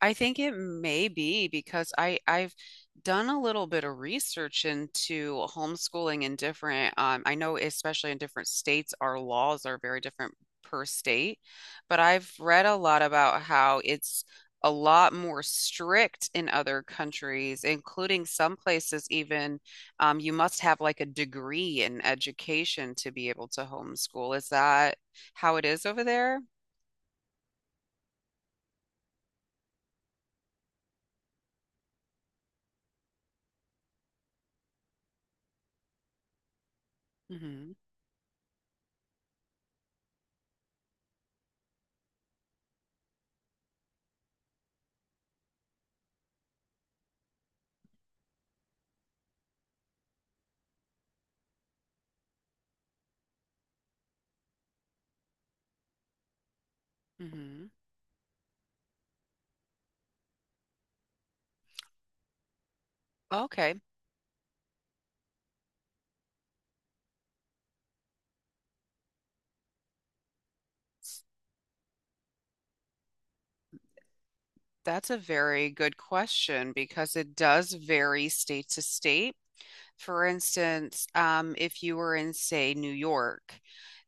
I think it may be because I've done a little bit of research into homeschooling in different I know especially in different states our laws are very different per state, but I've read a lot about how it's a lot more strict in other countries, including some places even you must have like a degree in education to be able to homeschool. Is that how it is over there? Hmm. Hmm. Okay. That's a very good question because it does vary state to state. For instance, if you were in, say, New York,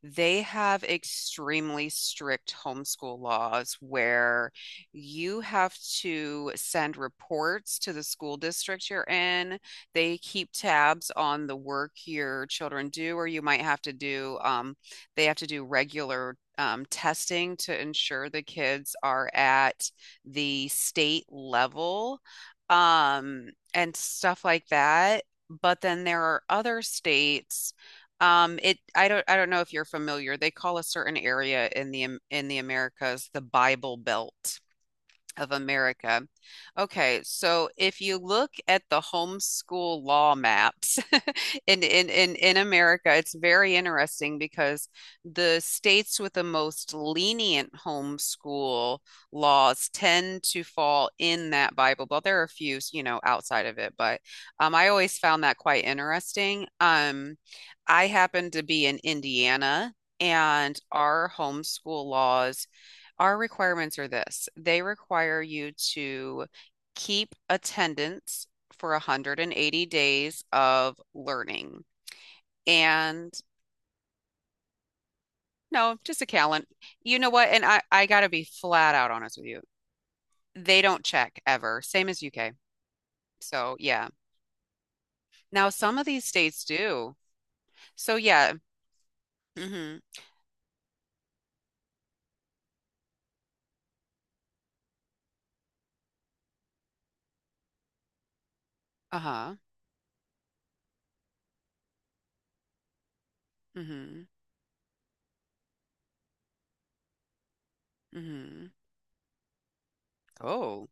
they have extremely strict homeschool laws where you have to send reports to the school district you're in. They keep tabs on the work your children do, or you might have to do, they have to do regular testing to ensure the kids are at the state level um, and stuff like that, but then there are other states. It I don't know if you're familiar. They call a certain area in the Americas the Bible Belt of America. Okay, so if you look at the homeschool law maps in America, it's very interesting because the states with the most lenient homeschool laws tend to fall in that Bible Belt. There are a few, you know, outside of it, but I always found that quite interesting. I happen to be in Indiana, and our homeschool laws our requirements are this. They require you to keep attendance for 180 days of learning, and no, just a calendar. You know what? And I gotta be flat out honest with you. They don't check ever, same as UK. So yeah. Now some of these states do. So yeah. Mm-hmm. Uh-huh. Mm-hmm. Mm-hmm. Oh.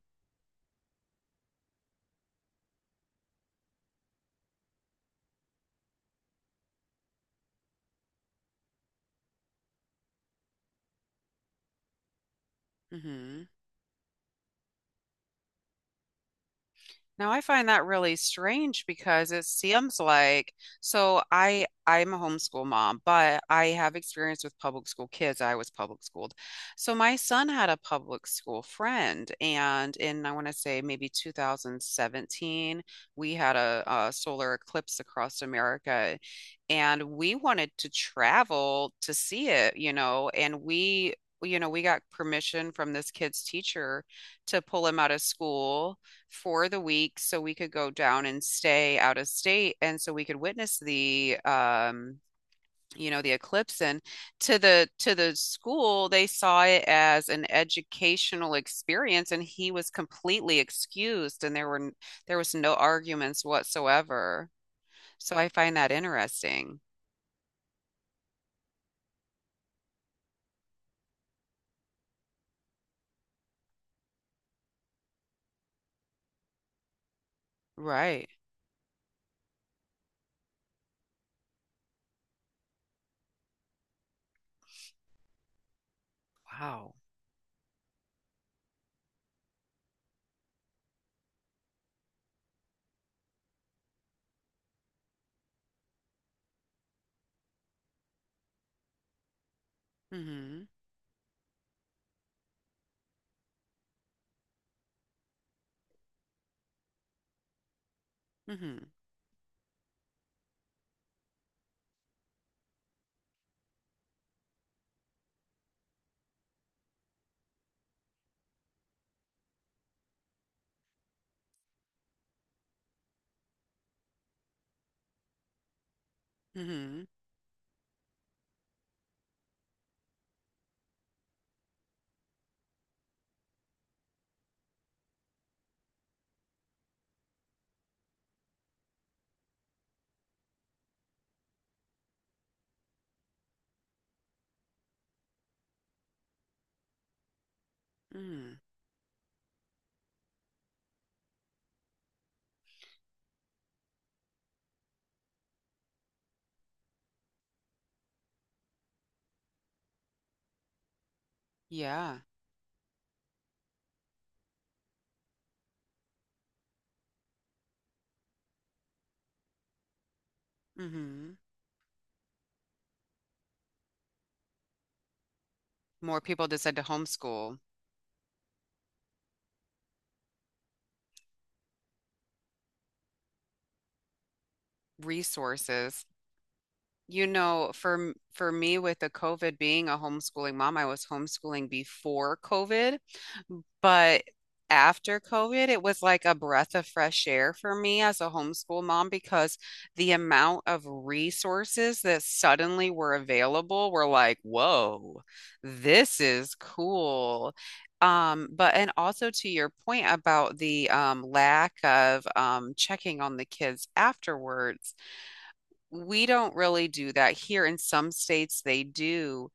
Mm-hmm. Now I find that really strange because it seems like so I'm a homeschool mom, but I have experience with public school kids. I was public schooled. So my son had a public school friend, and in I want to say maybe 2017 we had a solar eclipse across America and we wanted to travel to see it, you know, and we we got permission from this kid's teacher to pull him out of school for the week so we could go down and stay out of state and so we could witness the the eclipse. And to the school they saw it as an educational experience and he was completely excused, and there was no arguments whatsoever, so I find that interesting. Right. Wow. Mm-hmm. Mm-hmm. Mm-hmm. Mm-hmm. Yeah. Mm-hmm. More people decide to homeschool. Resources. You know, for for me with the COVID being a homeschooling mom, I was homeschooling before COVID, but after COVID, it was like a breath of fresh air for me as a homeschool mom because the amount of resources that suddenly were available were like, whoa, this is cool. But and also to your point about the lack of checking on the kids afterwards, we don't really do that here. In some states they do.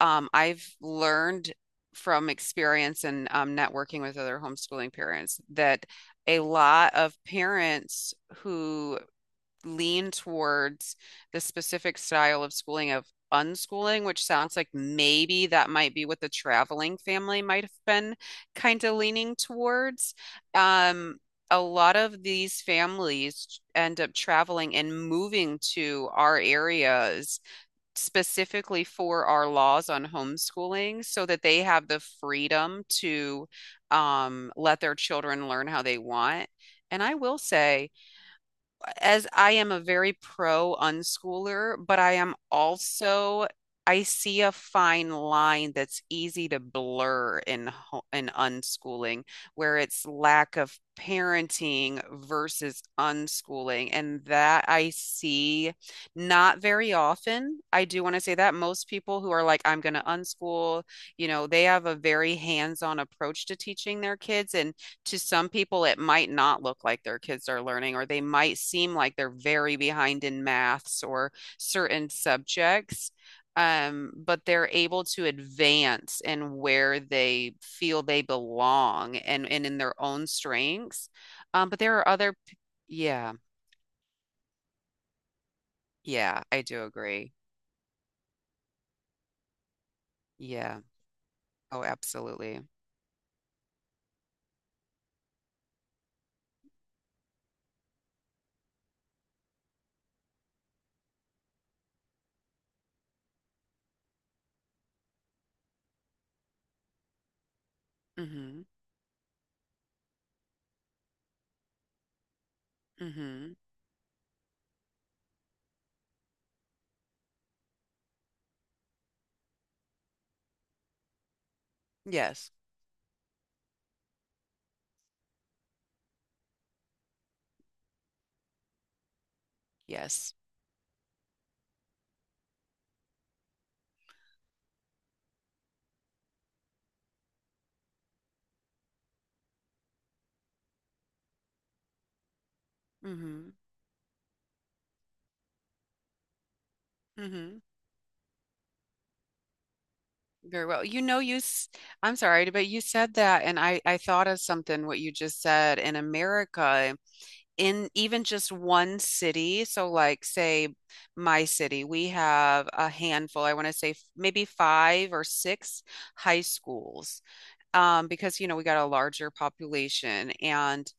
I've learned from experience and networking with other homeschooling parents that a lot of parents who lean towards the specific style of schooling of unschooling, which sounds like maybe that might be what the traveling family might have been kind of leaning towards. Um, a lot of these families end up traveling and moving to our areas specifically for our laws on homeschooling so that they have the freedom to let their children learn how they want. And I will say, as I am a very pro unschooler, but I am also I see a fine line that's easy to blur in in unschooling, where it's lack of parenting versus unschooling, and that I see not very often. I do want to say that most people who are like, I'm going to unschool, you know, they have a very hands-on approach to teaching their kids, and to some people, it might not look like their kids are learning, or they might seem like they're very behind in maths or certain subjects. But they're able to advance in where they feel they belong, and in their own strengths. But there are other. Yeah, yeah, I do agree. Yeah. Oh, absolutely. Mm-hmm. Mm-hmm. Yes. Yes. Mm-hmm. Mm-hmm. Very well. You know, you. I'm sorry, but you said that, and I thought of something what you just said in America, in even just one city. So, like, say my city, we have a handful, I want to say maybe five or six high schools because you know we got a larger population, and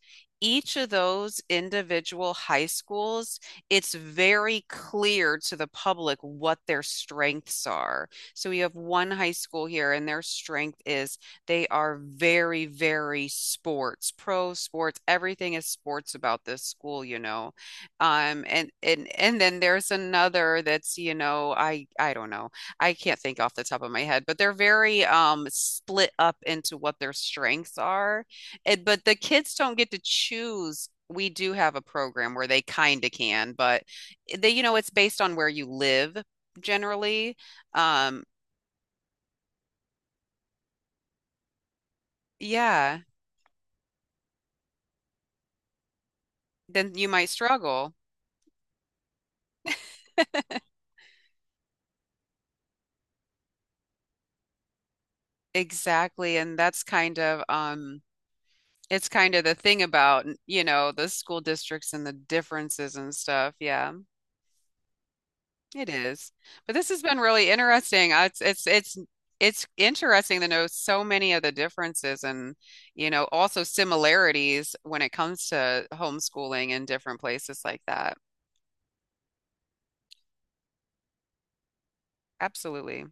each of those individual high schools, it's very clear to the public what their strengths are. So we have one high school here, and their strength is they are very, very sports, pro sports. Everything is sports about this school, you know. And then there's another that's, you know, I don't know. I can't think off the top of my head, but they're very split up into what their strengths are. And, but the kids don't get to choose. We do have a program where they kind of can, but they, you know, it's based on where you live generally. Um, yeah, then you might struggle. Exactly. And that's kind of it's kind of the thing about, you know, the school districts and the differences and stuff. Yeah. It is. But this has been really interesting. It's interesting to know so many of the differences and, you know, also similarities when it comes to homeschooling in different places like that. Absolutely.